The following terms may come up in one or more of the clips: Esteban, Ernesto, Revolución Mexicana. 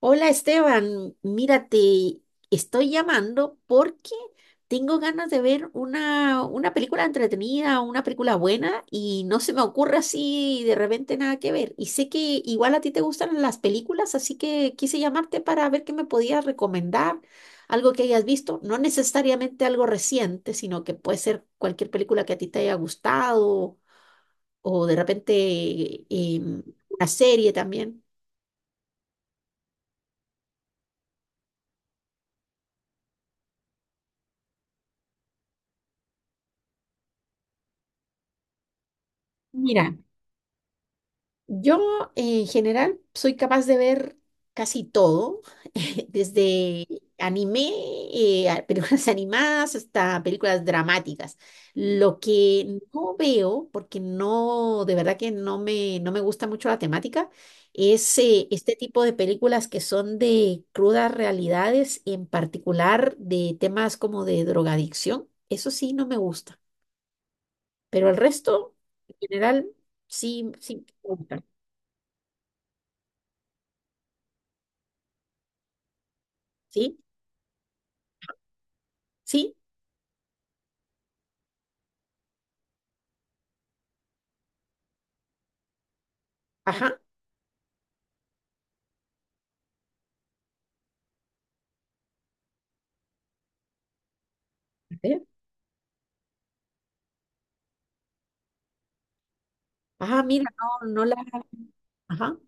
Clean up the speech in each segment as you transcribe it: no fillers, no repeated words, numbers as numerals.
Hola Esteban, mira, te estoy llamando porque tengo ganas de ver una película entretenida, una película buena y no se me ocurre así de repente nada que ver. Y sé que igual a ti te gustan las películas, así que quise llamarte para ver qué me podías recomendar, algo que hayas visto, no necesariamente algo reciente, sino que puede ser cualquier película que a ti te haya gustado o de repente eh, una serie también. Mira. Yo en general soy capaz de ver casi todo, desde anime, películas animadas hasta películas dramáticas. Lo que no veo, porque no, de verdad que no me gusta mucho la temática, es este tipo de películas que son de crudas realidades, en particular de temas como de drogadicción. Eso sí no me gusta, pero el resto, en general, sí, sí me gusta, ¿sí? Sí, ajá. A ver. Ah, mira, no, no la. Ajá.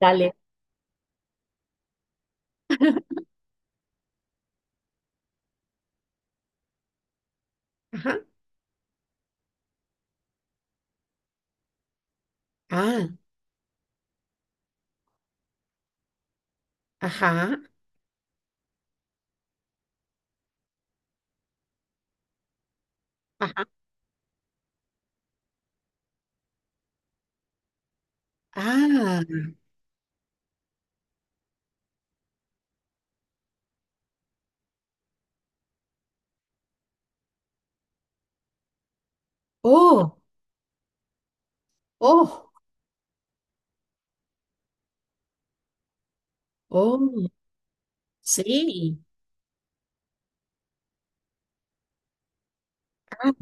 Dale. Ajá. Ah, ajá. Ajá. Ah. Oh, oh, oh. Sí. Ah,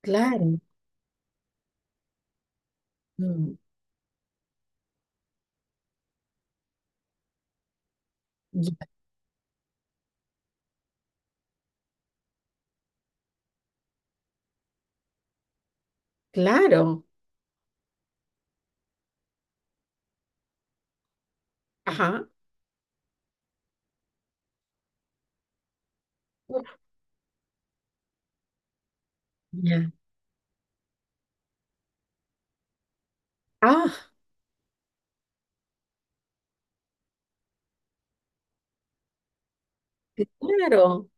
claro. Mm, ya, claro. Ajá. Uf, ya. Ah, claro.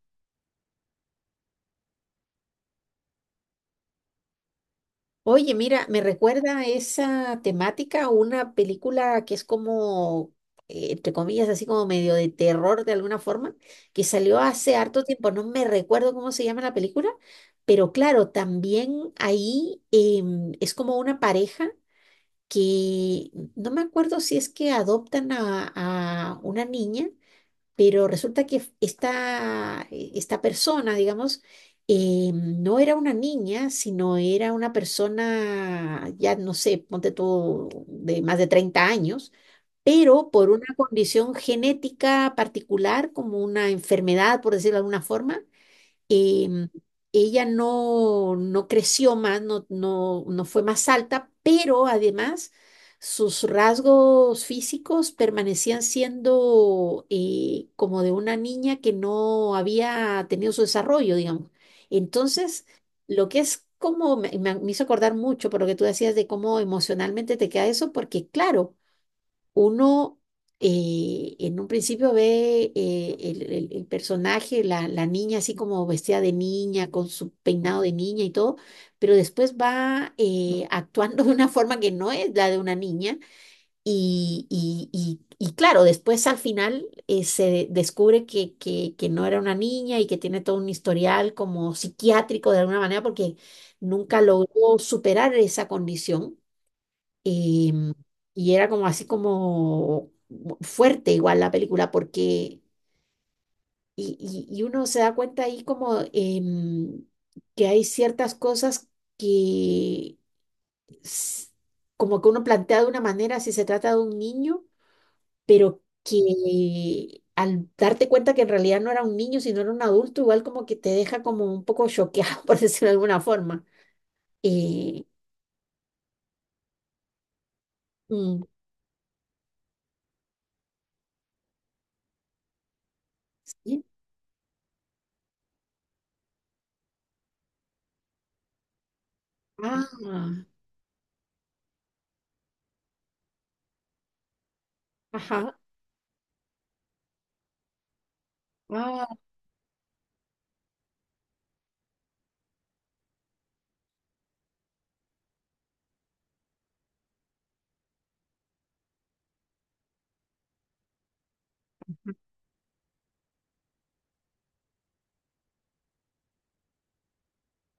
Oye, mira, me recuerda a esa temática una película que es como, entre comillas, así como medio de terror de alguna forma, que salió hace harto tiempo. No me recuerdo cómo se llama la película, pero claro, también ahí es como una pareja que no me acuerdo si es que adoptan a una niña, pero resulta que esta, esta persona, digamos, no era una niña, sino era una persona, ya no sé, ponte tú, de más de 30 años, pero por una condición genética particular, como una enfermedad, por decirlo de alguna forma, em, ella no creció más, no fue más alta, pero además sus rasgos físicos permanecían siendo como de una niña que no había tenido su desarrollo, digamos. Entonces, lo que es como, me hizo acordar mucho por lo que tú decías de cómo emocionalmente te queda eso, porque claro, uno en un principio ve el personaje, la niña así como vestida de niña, con su peinado de niña y todo, pero después va actuando de una forma que no es la de una niña y claro, después al final se descubre que no era una niña y que tiene todo un historial como psiquiátrico de alguna manera porque nunca logró superar esa condición. Y, y era como así como fuerte igual la película, porque y uno se da cuenta ahí como que hay ciertas cosas que s- como que uno plantea de una manera si se trata de un niño, pero que al darte cuenta que en realidad no era un niño, sino era un adulto, igual como que te deja como un poco choqueado, por decirlo de alguna forma. Eh, mm, sí. Ah, ajá. Ah.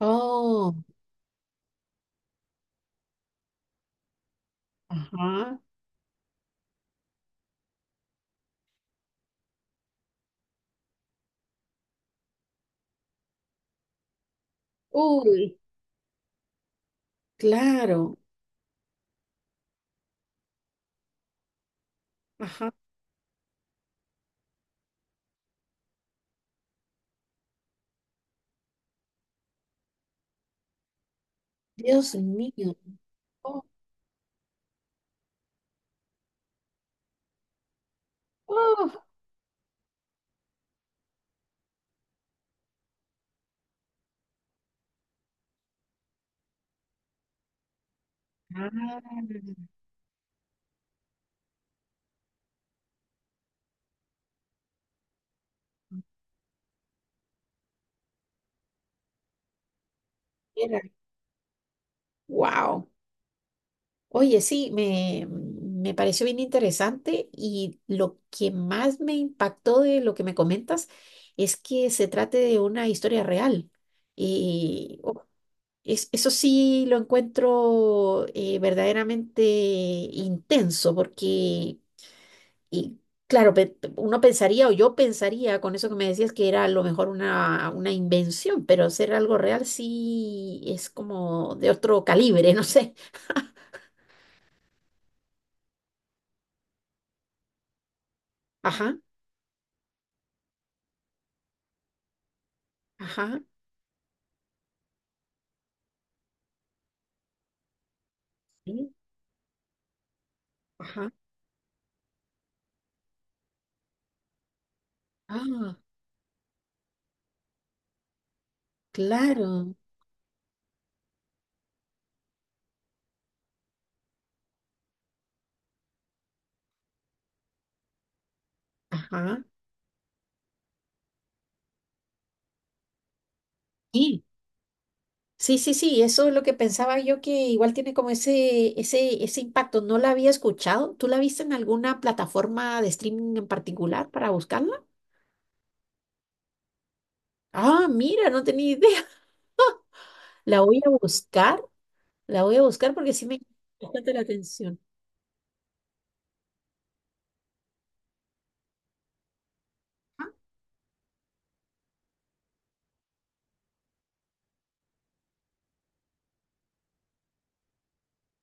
Oh, ajá. Uy, claro. Ajá. Dios mío. Oh, oh. Ah, mira. Wow. Oye, sí, me pareció bien interesante y lo que más me impactó de lo que me comentas es que se trate de una historia real. Y oh, eso sí lo encuentro verdaderamente intenso porque y claro, uno pensaría o yo pensaría con eso que me decías que era a lo mejor una invención, pero ser algo real sí es como de otro calibre, no sé. Ajá, ajá, sí, ajá. Ah, claro, ajá. Sí. Sí, sí, sí, eso es lo que pensaba yo que igual tiene como ese impacto. No la había escuchado. ¿Tú la viste en alguna plataforma de streaming en particular para buscarla? Ah, mira, no tenía idea. La voy a buscar. La voy a buscar porque sí me llama bastante la atención.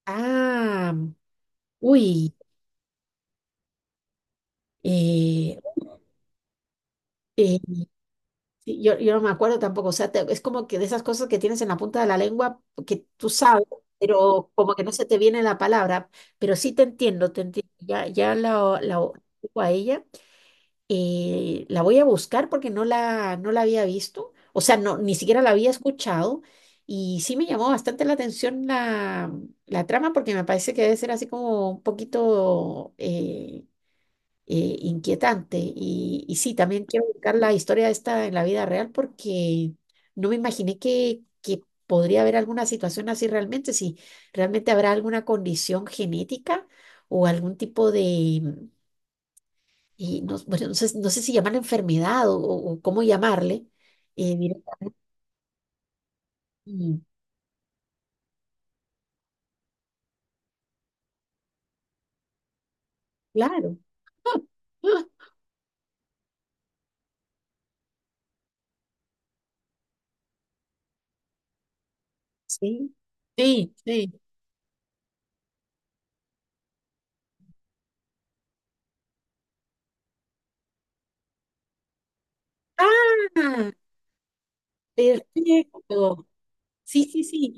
Ah, uy, eh, eh, sí, yo no me acuerdo tampoco, o sea, es como que de esas cosas que tienes en la punta de la lengua que tú sabes, pero como que no se te viene la palabra, pero sí te entiendo, ya, ya la ubico a ella. La voy a buscar porque no la había visto, o sea, no, ni siquiera la había escuchado y sí me llamó bastante la atención la, la trama porque me parece que debe ser así como un poquito inquietante y sí, también quiero buscar la historia esta en la vida real porque no me imaginé que podría haber alguna situación así realmente, si realmente habrá alguna condición genética o algún tipo de, y no, bueno, no sé, no sé si llaman enfermedad o cómo llamarle. Mira, mm, claro. Ah, sí, sí, sí. Ah, perfecto. Sí, sí, sí.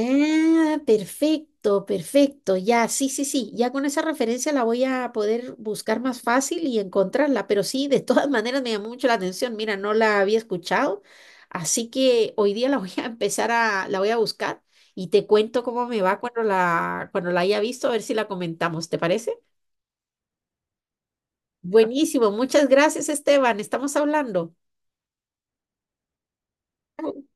Ah, perfecto, perfecto. Ya, sí, sí, sí. Ya con esa referencia la voy a poder buscar más fácil y encontrarla. Pero sí, de todas maneras me llamó mucho la atención. Mira, no la había escuchado. Así que hoy día la voy a empezar a, la voy a buscar y te cuento cómo me va cuando la haya visto, a ver si la comentamos. ¿Te parece? Buenísimo. Muchas gracias, Esteban. Estamos hablando. Chao.